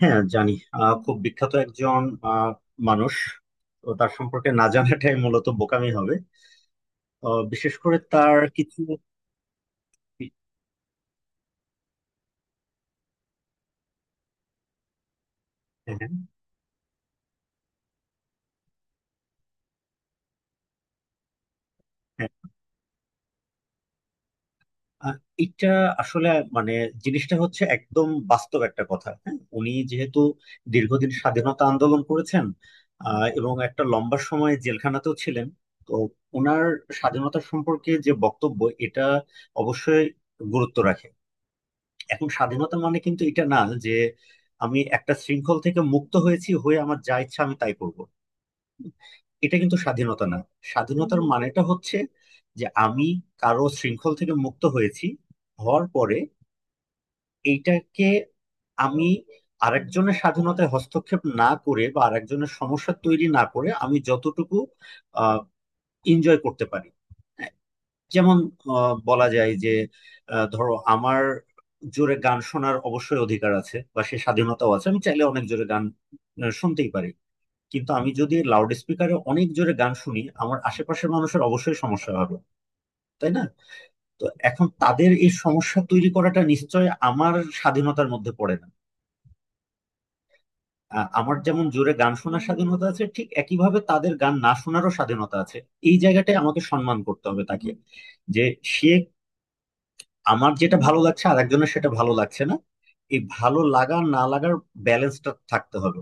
হ্যাঁ, জানি। খুব বিখ্যাত একজন আহ, মানুষ। তো তার সম্পর্কে না জানাটাই মূলত বোকামি হবে। বিশেষ করে তার কিছু। হ্যাঁ, হ্যাঁ। আহ, এটা আসলে মানে জিনিসটা হচ্ছে একদম বাস্তব একটা কথা। হ্যাঁ, উনি যেহেতু দীর্ঘদিন স্বাধীনতা আন্দোলন করেছেন এবং একটা লম্বা সময় জেলখানাতেও ছিলেন। তো ওনার স্বাধীনতা সম্পর্কে যে বক্তব্য, এটা অবশ্যই গুরুত্ব রাখে। এখন স্বাধীনতা মানে কিন্তু এটা না যে আমি একটা শৃঙ্খল থেকে মুক্ত হয়েছি, হয়ে আমার যা ইচ্ছা আমি তাই করব। এটা কিন্তু স্বাধীনতা না। স্বাধীনতার মানেটা হচ্ছে যে আমি কারো শৃঙ্খল থেকে মুক্ত হয়েছি, হওয়ার পরে এইটাকে আমি আরেকজনের স্বাধীনতায় হস্তক্ষেপ না করে বা আরেকজনের সমস্যা তৈরি না করে আমি যতটুকু এনজয় করতে পারি। যেমন বলা যায় যে ধরো আমার জোরে গান শোনার অবশ্যই অধিকার আছে বা সে স্বাধীনতাও আছে, আমি চাইলে অনেক জোরে গান শুনতেই পারি। কিন্তু আমি যদি লাউড স্পিকারে অনেক জোরে গান শুনি, আমার আশেপাশের মানুষের অবশ্যই সমস্যা হবে, তাই না। তো এখন তাদের এই সমস্যা তৈরি করাটা নিশ্চয় আমার স্বাধীনতার মধ্যে পড়ে না। আমার যেমন জোরে গান শোনার স্বাধীনতা আছে, ঠিক একইভাবে তাদের গান না শোনারও স্বাধীনতা আছে। এই জায়গাটায় আমাকে সম্মান করতে হবে তাকে, যে সে আমার যেটা ভালো লাগছে আর একজনের সেটা ভালো লাগছে না। এই ভালো লাগা না লাগার ব্যালেন্সটা থাকতে হবে।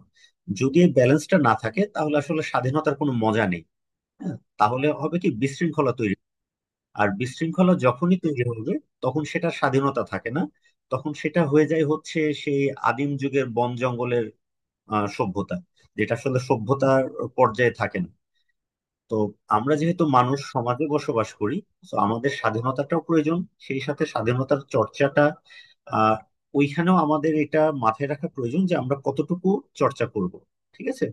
যদি এই ব্যালেন্সটা না থাকে, তাহলে আসলে স্বাধীনতার কোনো মজা নেই। হ্যাঁ, তাহলে হবে কি বিশৃঙ্খলা তৈরি। আর বিশৃঙ্খলা যখনই তৈরি হবে, তখন সেটা স্বাধীনতা থাকে না। তখন সেটা হয়ে যায় হচ্ছে সেই আদিম যুগের বন জঙ্গলের সভ্যতা, যেটা আসলে সভ্যতার পর্যায়ে থাকে না। তো আমরা যেহেতু মানুষ সমাজে বসবাস করি, তো আমাদের স্বাধীনতাটাও প্রয়োজন। সেই সাথে স্বাধীনতার চর্চাটা, আহ ওইখানেও আমাদের এটা মাথায় রাখা প্রয়োজন যে আমরা কতটুকু চর্চা করব। ঠিক আছে।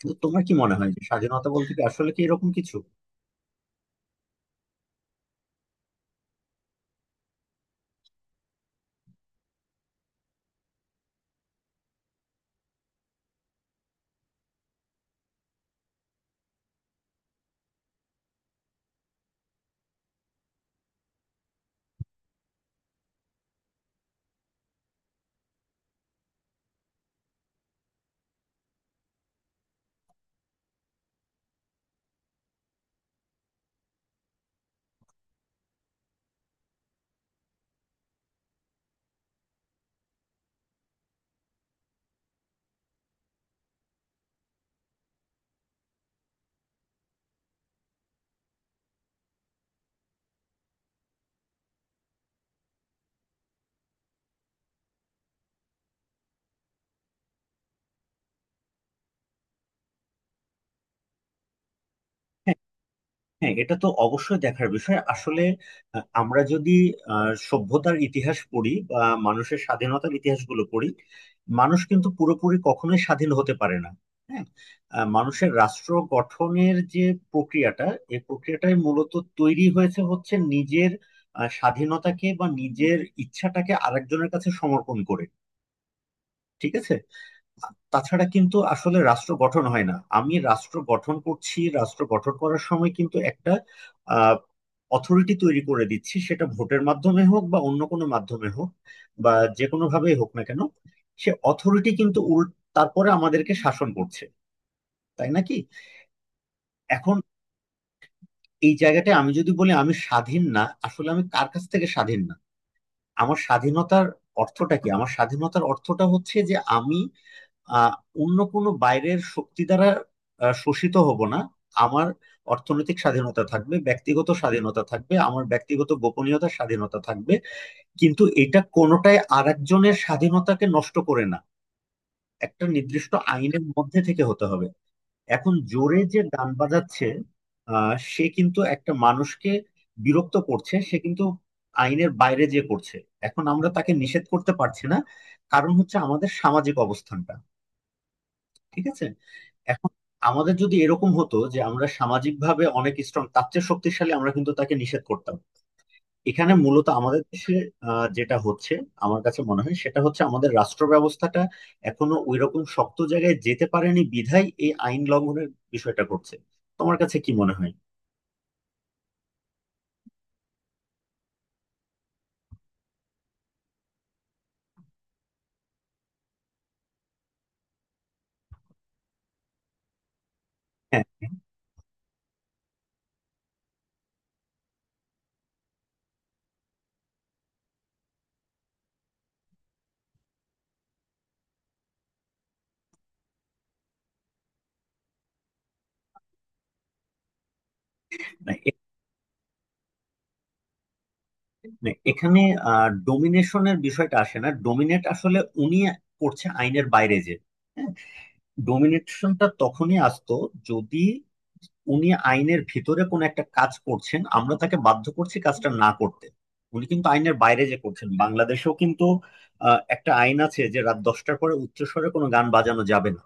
তো তোমার কি মনে হয় যে স্বাধীনতা বলতে কি আসলে কি এরকম কিছু? হ্যাঁ, এটা তো অবশ্যই দেখার বিষয় আসলে। আমরা যদি সভ্যতার ইতিহাস পড়ি বা মানুষের স্বাধীনতার ইতিহাসগুলো পড়ি, মানুষ কিন্তু পুরোপুরি কখনোই স্বাধীন হতে পারে না। হ্যাঁ। মানুষের রাষ্ট্র গঠনের যে প্রক্রিয়াটা, এই প্রক্রিয়াটাই মূলত তৈরি হয়েছে হচ্ছে নিজের স্বাধীনতাকে বা নিজের ইচ্ছাটাকে আরেকজনের কাছে সমর্পণ করে। ঠিক আছে। তাছাড়া কিন্তু আসলে রাষ্ট্র গঠন হয় না। আমি রাষ্ট্র গঠন করছি, রাষ্ট্র গঠন করার সময় কিন্তু একটা আহ অথরিটি তৈরি করে দিচ্ছি, সেটা ভোটের মাধ্যমে হোক বা অন্য কোনো মাধ্যমে হোক বা যে কোনো ভাবেই হোক না কেন, সে অথরিটি কিন্তু উল তারপরে আমাদেরকে শাসন করছে, তাই নাকি। এখন এই জায়গাটায় আমি যদি বলি আমি স্বাধীন না, আসলে আমি কার কাছ থেকে স্বাধীন না? আমার স্বাধীনতার অর্থটা কি? আমার স্বাধীনতার অর্থটা হচ্ছে যে আমি আহ, অন্য কোনো বাইরের শক্তি দ্বারা শোষিত হব না। আমার অর্থনৈতিক স্বাধীনতা থাকবে, ব্যক্তিগত স্বাধীনতা থাকবে, আমার ব্যক্তিগত গোপনীয়তার স্বাধীনতা থাকবে। কিন্তু এটা কোনোটাই আরেকজনের স্বাধীনতাকে নষ্ট করে না। একটা নির্দিষ্ট আইনের মধ্যে থেকে হতে হবে। এখন জোরে যে গান বাজাচ্ছে, সে কিন্তু একটা মানুষকে বিরক্ত করছে, সে কিন্তু আইনের বাইরে যে করছে। এখন আমরা তাকে নিষেধ করতে পারছি না, কারণ হচ্ছে আমাদের সামাজিক অবস্থানটা। ঠিক আছে। এখন আমাদের যদি এরকম হতো যে আমরা সামাজিকভাবে অনেক স্ট্রং, তার চেয়ে শক্তিশালী, আমরা কিন্তু তাকে নিষেধ করতাম। এখানে মূলত আমাদের দেশে যেটা হচ্ছে, আমার কাছে মনে হয় সেটা হচ্ছে আমাদের রাষ্ট্র ব্যবস্থাটা এখনো ওইরকম শক্ত জায়গায় যেতে পারেনি, বিধায় এই আইন লঙ্ঘনের বিষয়টা করছে। তোমার কাছে কি মনে হয়? হ্যাঁ। না, এ- না, এখানে ডোমিনেশনের বিষয়টা আসে না। ডোমিনেট আসলে উনি করছে আইনের বাইরে যে। হ্যাঁ, ডোমিনেশনটা তখনই আসতো যদি উনি আইনের ভিতরে কোন একটা কাজ করছেন, আমরা তাকে বাধ্য করছি কাজটা না করতে। উনি কিন্তু আইনের বাইরে যে করছেন। বাংলাদেশেও কিন্তু একটা আইন আছে যে রাত 10টার পরে উচ্চস্বরে কোনো গান বাজানো যাবে না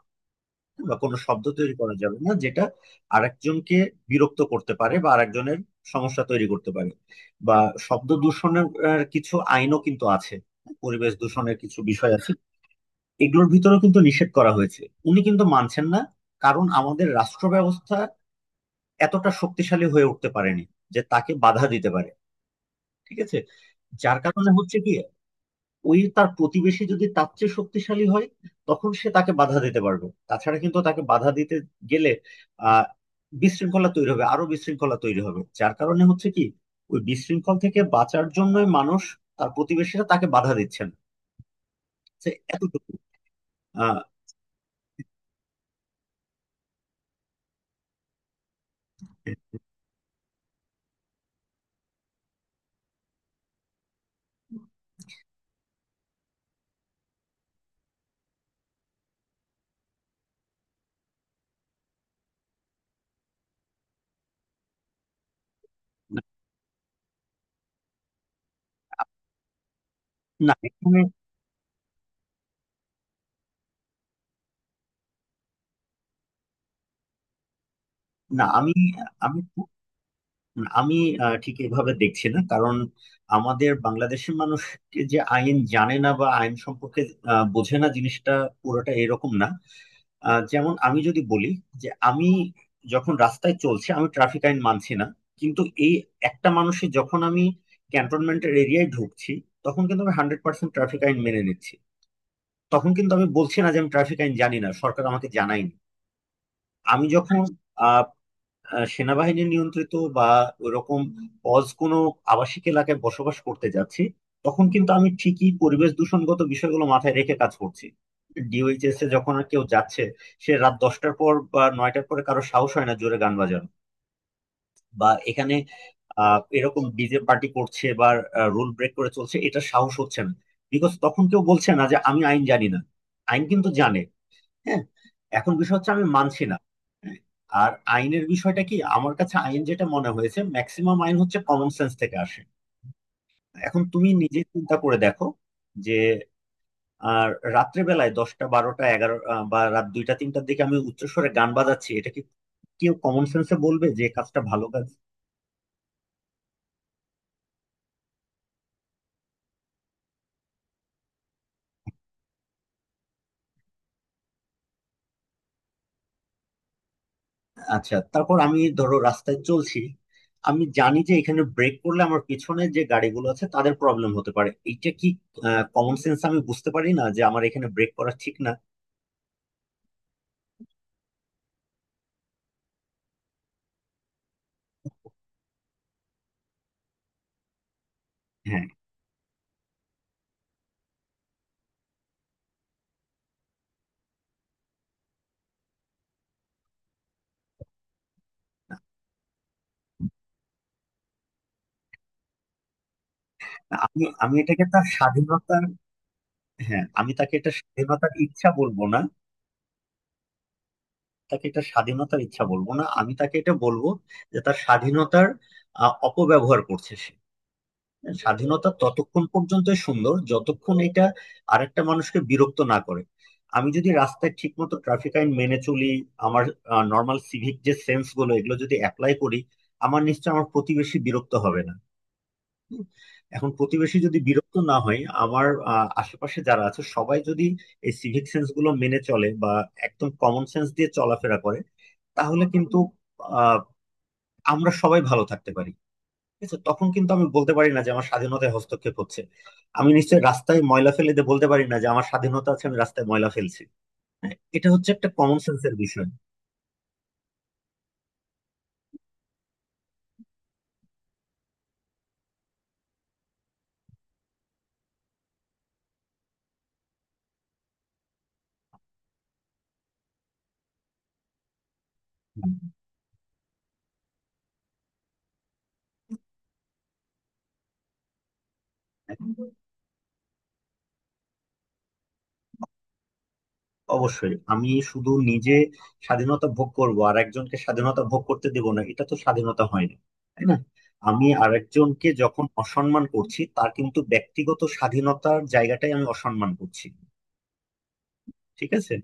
বা কোনো শব্দ তৈরি করা যাবে না, যেটা আরেকজনকে বিরক্ত করতে পারে বা আরেকজনের সমস্যা তৈরি করতে পারে। বা শব্দ দূষণের কিছু আইনও কিন্তু আছে। পরিবেশ দূষণের কিছু বিষয় আছে। এগুলোর ভিতরেও কিন্তু নিষেধ করা হয়েছে। উনি কিন্তু মানছেন না, কারণ আমাদের রাষ্ট্র ব্যবস্থা এতটা শক্তিশালী হয়ে উঠতে পারেনি যে তাকে বাধা দিতে পারে। ঠিক আছে। যার কারণে হচ্ছে কি, ওই তার প্রতিবেশী যদি তার চেয়ে শক্তিশালী হয়, তখন সে তাকে বাধা দিতে পারবে। তাছাড়া কিন্তু তাকে বাধা দিতে গেলে আহ বিশৃঙ্খলা তৈরি হবে, আরো বিশৃঙ্খলা তৈরি হবে। যার কারণে হচ্ছে কি, ওই বিশৃঙ্খল থেকে বাঁচার জন্যই মানুষ, তার প্রতিবেশীরা তাকে বাধা দিচ্ছেন, যে এতটুকু। আহ, না এখানে- না, আমি আমি আমি ঠিক এভাবে দেখছি না। কারণ আমাদের বাংলাদেশের মানুষকে যে আইন জানে না বা আইন সম্পর্কে বোঝে না, জিনিসটা পুরোটা এরকম না। যেমন আমি যদি বলি যে আমি যখন রাস্তায় চলছি, আমি ট্রাফিক আইন মানছি না। কিন্তু এই একটা মানুষে যখন আমি ক্যান্টনমেন্টের এরিয়ায় ঢুকছি, তখন কিন্তু আমি 100% ট্রাফিক আইন মেনে নিচ্ছি। তখন কিন্তু আমি বলছি না যে আমি ট্রাফিক আইন জানি না, সরকার আমাকে জানায়নি। আমি যখন সেনাবাহিনী নিয়ন্ত্রিত বা ওইরকম অজ কোনো আবাসিক এলাকায় বসবাস করতে যাচ্ছি, তখন কিন্তু আমি ঠিকই পরিবেশ দূষণগত বিষয়গুলো মাথায় রেখে কাজ করছি। DOHS এ যখন আর কেউ যাচ্ছে, সে রাত 10টার পর বা 9টার পরে কারো সাহস হয় না জোরে গান বাজানো বা এখানে এরকম ডিজে পার্টি করছে বা রুল ব্রেক করে চলছে, এটা সাহস হচ্ছে না। বিকজ তখন কেউ বলছে না যে আমি আইন জানি না। আইন কিন্তু জানে। হ্যাঁ। এখন বিষয় হচ্ছে আমি মানছি না। হ্যাঁ, আর আইনের বিষয়টা কি, আমার কাছে আইন যেটা মনে হয়েছে, ম্যাক্সিমাম আইন হচ্ছে কমন সেন্স থেকে আসে। এখন তুমি নিজে চিন্তা করে দেখো যে, আর রাত্রে বেলায় 10টা 12টা 11টা বা রাত 2টা 3টার দিকে আমি উচ্চস্বরে গান বাজাচ্ছি, এটা কি কেউ কমন সেন্সে বলবে যে কাজটা ভালো কাজ? আচ্ছা, তারপর আমি ধরো রাস্তায় চলছি। আমি জানি যে এখানে ব্রেক করলে আমার পিছনে যে গাড়িগুলো আছে, তাদের প্রবলেম হতে পারে। এইটা কি কমন সেন্স আমি বুঝতে পারি না যে আমার এখানে ব্রেক করা ঠিক না? হ্যাঁ। আমি আমি এটাকে তার স্বাধীনতার। হ্যাঁ, আমি তাকে এটা স্বাধীনতার ইচ্ছা বলবো না. আমি তাকে এটা বলবো যে তার স্বাধীনতার অপব্যবহার করছে সে। স্বাধীনতা ততক্ষণ পর্যন্ত সুন্দর যতক্ষণ এটা আরেকটা মানুষকে বিরক্ত না করে। আমি যদি রাস্তায় ঠিকমতো ট্রাফিক আইন মেনে চলি, আমার নর্মাল সিভিক যে সেন্স গুলো, এগুলো যদি অ্যাপ্লাই করি, আমার নিশ্চয় আমার প্রতিবেশী বিরক্ত হবে না। হুম। এখন প্রতিবেশী যদি বিরক্ত না হয়, আমার আশেপাশে যারা আছে সবাই যদি এই সিভিক সেন্স গুলো মেনে চলে বা একদম কমন সেন্স দিয়ে চলাফেরা করে, তাহলে কিন্তু আহ, আমরা সবাই ভালো থাকতে পারি। ঠিক আছে। তখন কিন্তু আমি বলতে পারি না যে আমার স্বাধীনতায় হস্তক্ষেপ হচ্ছে। আমি নিশ্চয়ই রাস্তায় ময়লা ফেলে দিয়ে বলতে পারি না যে আমার স্বাধীনতা আছে, আমি রাস্তায় ময়লা ফেলছি। হ্যাঁ, এটা হচ্ছে একটা কমন সেন্সের বিষয়। হুম। হ্যাঁ, অবশ্যই আমি শুধু নিজে স্বাধীনতা ভোগ করব আর একজনকে স্বাধীনতা ভোগ করতে দেব না, এটা তো স্বাধীনতা হয় না। তাই না। আমি আরেকজনকে যখন অসম্মান করছি, তার কিন্তু ব্যক্তিগত স্বাধীনতার জায়গাটাই আমি অসম্মান করছি। ঠিক আছে।